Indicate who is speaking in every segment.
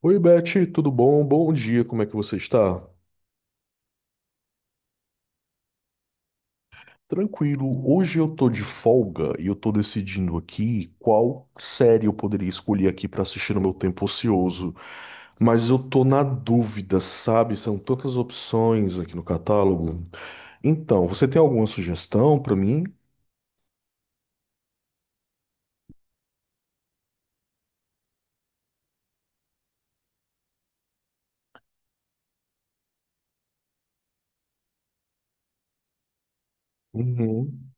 Speaker 1: Oi, Beth, tudo bom? Bom dia, como é que você está? Tranquilo, hoje eu tô de folga e eu tô decidindo aqui qual série eu poderia escolher aqui para assistir no meu tempo ocioso. Mas eu tô na dúvida, sabe? São tantas opções aqui no catálogo. Então, você tem alguma sugestão para mim? Uhum.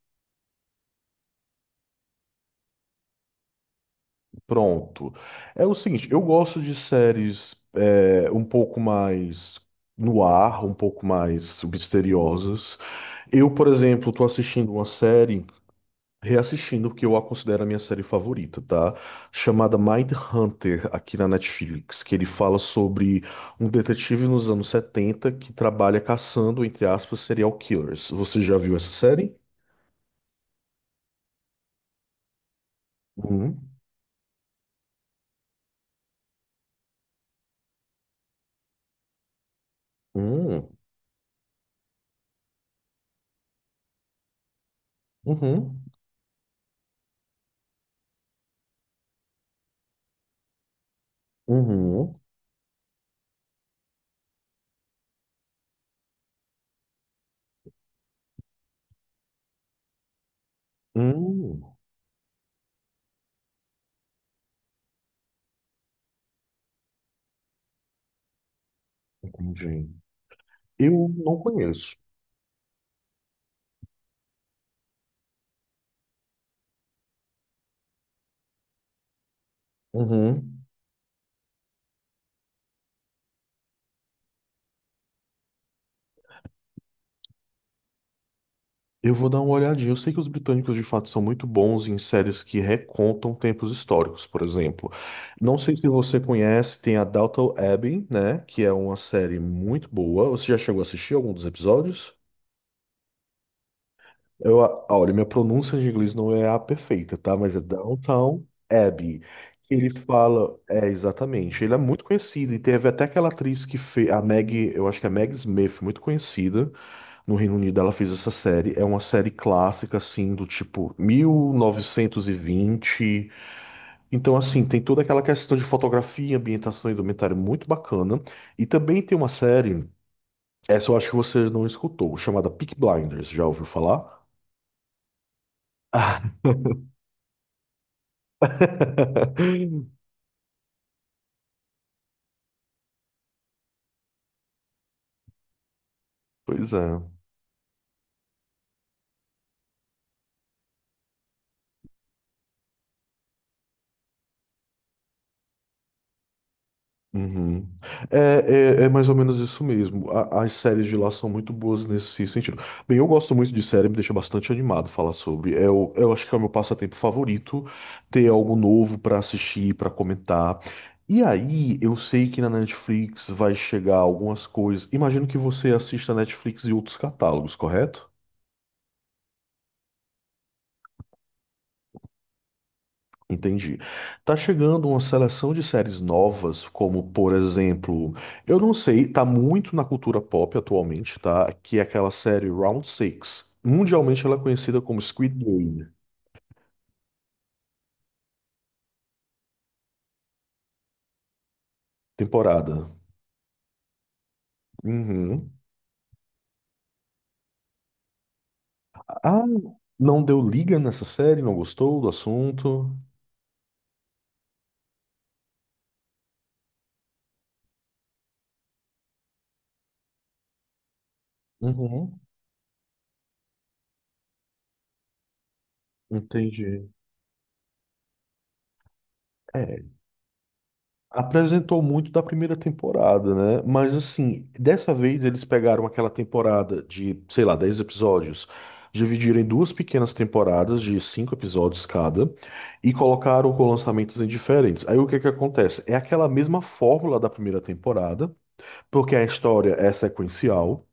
Speaker 1: Pronto. É o seguinte, eu gosto de séries um pouco mais no ar, um pouco mais misteriosas. Eu, por exemplo, tô assistindo uma série, reassistindo, que eu a considero a minha série favorita, tá? Chamada Mindhunter, aqui na Netflix, que ele fala sobre um detetive nos anos 70 que trabalha caçando, entre aspas, serial killers. Você já viu essa série? Hum, hum, uhum, uhum, hum, entendi. Eu não conheço. Uhum. Eu vou dar uma olhadinha. Eu sei que os britânicos de fato são muito bons em séries que recontam tempos históricos, por exemplo. Não sei se você conhece, tem a Downton Abbey, né? Que é uma série muito boa. Você já chegou a assistir algum dos episódios? Ah, olha, minha pronúncia de inglês não é a perfeita, tá? Mas é Downton Abbey. Ele fala, é exatamente. Ele é muito conhecido e teve até aquela atriz que fez, a Meg, eu acho que é a Meg Smith, muito conhecida. No Reino Unido ela fez essa série. É uma série clássica, assim, do tipo 1920. Então, assim, tem toda aquela questão de fotografia, ambientação e documentário muito bacana. E também tem uma série, essa eu acho que você não escutou, chamada Peak Blinders. Já ouviu falar? Pois é. Uhum. É, é mais ou menos isso mesmo. A- as séries de lá são muito boas nesse sentido. Bem, eu gosto muito de série, me deixa bastante animado falar sobre. Eu acho que é o meu passatempo favorito, ter algo novo pra assistir, pra comentar. E aí, eu sei que na Netflix vai chegar algumas coisas. Imagino que você assista Netflix e outros catálogos, correto? Entendi. Tá chegando uma seleção de séries novas, como por exemplo, eu não sei, tá muito na cultura pop atualmente, tá? Que é aquela série Round Six. Mundialmente ela é conhecida como Squid Game, temporada. Uhum. Ah, não deu liga nessa série, não gostou do assunto? Uhum. Entendi. É. Apresentou muito da primeira temporada, né? Mas assim, dessa vez eles pegaram aquela temporada de, sei lá, 10 episódios, dividiram em duas pequenas temporadas de 5 episódios cada e colocaram com lançamentos em diferentes. Aí o que é que acontece? É aquela mesma fórmula da primeira temporada, porque a história é sequencial,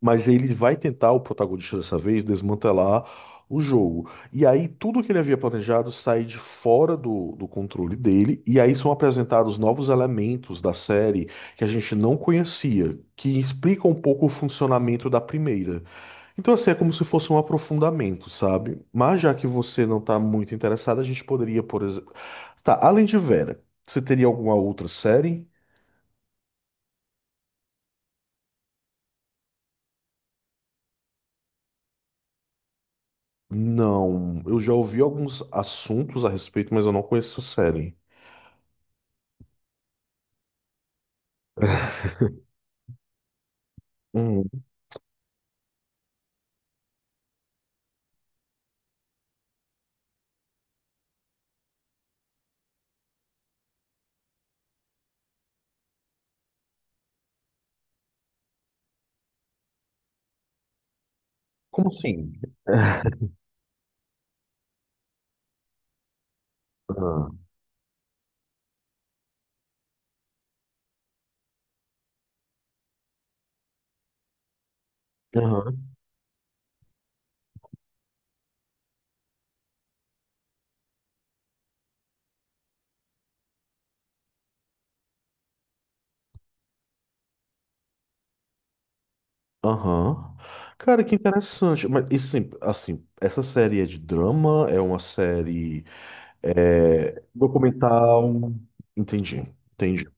Speaker 1: mas ele vai tentar, o protagonista dessa vez, desmantelar o jogo. E aí tudo que ele havia planejado sai de fora do controle dele, e aí são apresentados novos elementos da série que a gente não conhecia, que explicam um pouco o funcionamento da primeira. Então, assim, é como se fosse um aprofundamento, sabe? Mas já que você não está muito interessado, a gente poderia, por exemplo. Tá, além de Vera, você teria alguma outra série? Não, eu já ouvi alguns assuntos a respeito, mas eu não conheço a série. Hum, como assim? Ah, aham, aham. Cara, que interessante. Mas isso, assim, assim, essa série é de drama? É uma série documental? Entendi, entendi.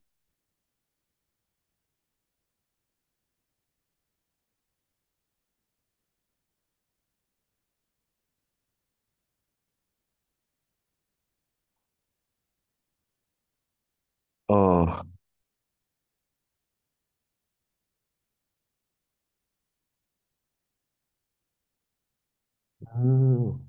Speaker 1: Ah, hum,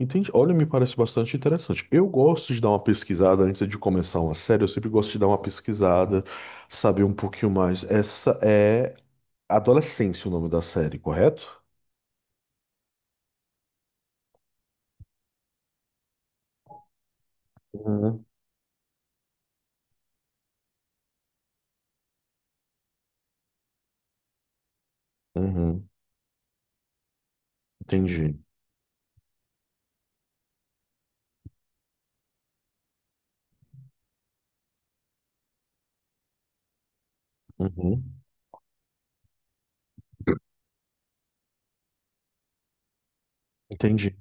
Speaker 1: entendi. Olha, me parece bastante interessante. Eu gosto de dar uma pesquisada antes de começar uma série. Eu sempre gosto de dar uma pesquisada, saber um pouquinho mais. Essa é Adolescência, o nome da série, correto? Uhum. Uhum, entendi. Uhum. Entendi.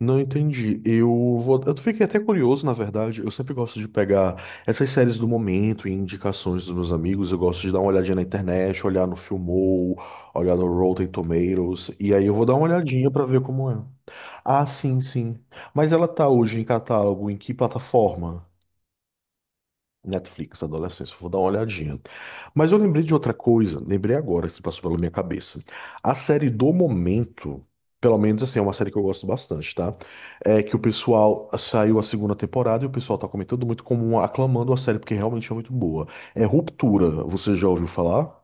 Speaker 1: Não entendi. Eu vou. Eu fiquei até curioso, na verdade. Eu sempre gosto de pegar essas séries do momento e indicações dos meus amigos. Eu gosto de dar uma olhadinha na internet, olhar no Filmou, olhar no Rotten Tomatoes. E aí eu vou dar uma olhadinha pra ver como é. Ah, sim, sim. Mas ela tá hoje em catálogo em que plataforma? Netflix, adolescência, vou dar uma olhadinha. Mas eu lembrei de outra coisa, lembrei agora, se passou pela minha cabeça. A série do momento, pelo menos assim, é uma série que eu gosto bastante, tá? É que o pessoal saiu a segunda temporada e o pessoal tá comentando muito como aclamando a série, porque realmente é muito boa. É Ruptura, você já ouviu falar?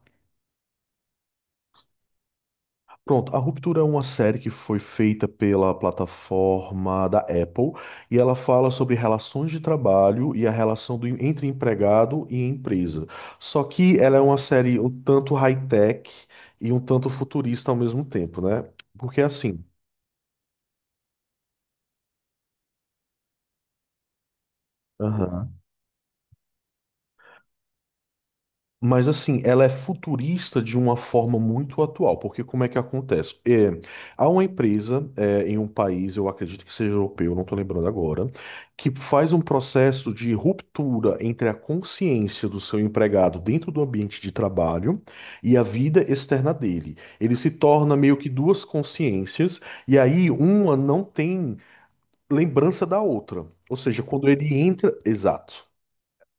Speaker 1: Pronto, A Ruptura é uma série que foi feita pela plataforma da Apple e ela fala sobre relações de trabalho e a relação do- entre empregado e empresa. Só que ela é uma série um tanto high-tech e um tanto futurista ao mesmo tempo, né? Porque assim. Mas assim, ela é futurista de uma forma muito atual, porque como é que acontece? É, há uma empresa em um país, eu acredito que seja europeu, não estou lembrando agora, que faz um processo de ruptura entre a consciência do seu empregado dentro do ambiente de trabalho e a vida externa dele. Ele se torna meio que duas consciências, e aí uma não tem lembrança da outra. Ou seja, quando ele entra. Exato.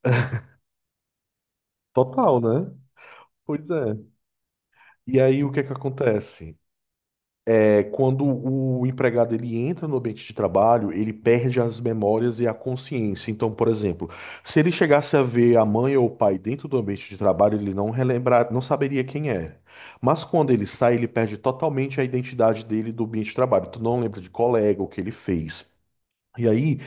Speaker 1: Total, né? Pois é. E aí o que é que acontece? É quando o empregado ele entra no ambiente de trabalho, ele perde as memórias e a consciência. Então, por exemplo, se ele chegasse a ver a mãe ou o pai dentro do ambiente de trabalho, ele não relembrar, não saberia quem é. Mas quando ele sai, ele perde totalmente a identidade dele do ambiente de trabalho. Tu não lembra de colega, o que ele fez. E aí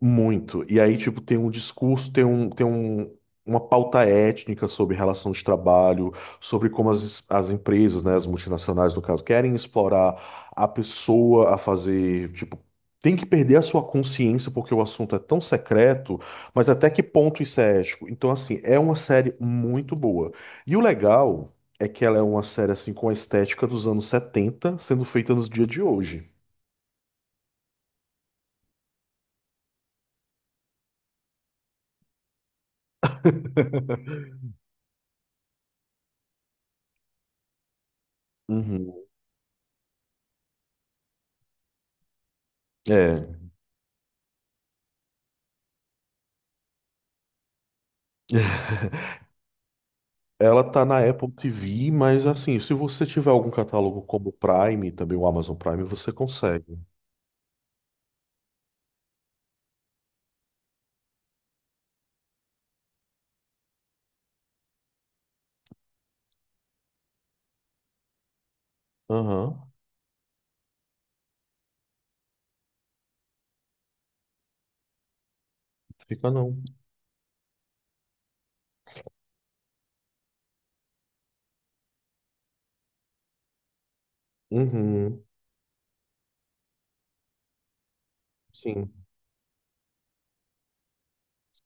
Speaker 1: muito. E aí, tipo, tem um discurso, uma pauta étnica sobre relação de trabalho, sobre como as empresas, né, as multinacionais, no caso, querem explorar a pessoa a fazer, tipo, tem que perder a sua consciência porque o assunto é tão secreto, mas até que ponto isso é ético? Então, assim, é uma série muito boa. E o legal é que ela é uma série, assim, com a estética dos anos 70 sendo feita nos dias de hoje. Uhum. É. Ela tá na Apple TV, mas assim, se você tiver algum catálogo como o Prime, também o Amazon Prime, você consegue. Aham, fica não. Uhum. Sim.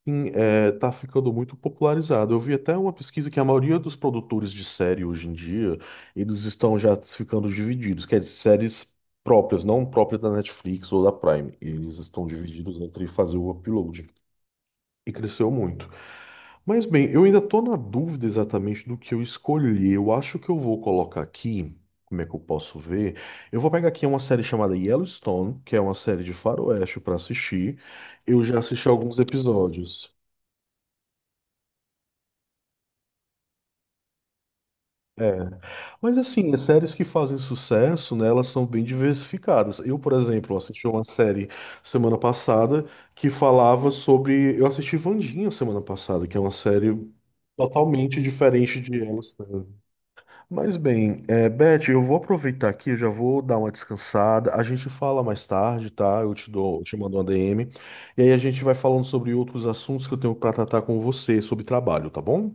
Speaker 1: Sim, é, tá ficando muito popularizado. Eu vi até uma pesquisa que a maioria dos produtores de série hoje em dia, eles estão já ficando divididos, quer dizer, séries próprias, não próprias da Netflix ou da Prime. Eles estão divididos entre fazer o upload. E cresceu muito. Mas bem, eu ainda estou na dúvida exatamente do que eu escolhi. Eu acho que eu vou colocar aqui, como é que eu posso ver? Eu vou pegar aqui uma série chamada Yellowstone, que é uma série de faroeste para assistir. Eu já assisti alguns episódios. É. Mas assim, as séries que fazem sucesso, né, elas são bem diversificadas. Eu, por exemplo, assisti uma série semana passada que falava sobre. Eu assisti Vandinha semana passada, que é uma série totalmente diferente de Yellowstone. Mas bem, é, Beth, eu vou aproveitar aqui, eu já vou dar uma descansada. A gente fala mais tarde, tá? Eu te dou, eu te mando uma DM. E aí a gente vai falando sobre outros assuntos que eu tenho para tratar com você sobre trabalho, tá bom?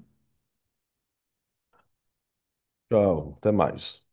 Speaker 1: Tchau, até mais.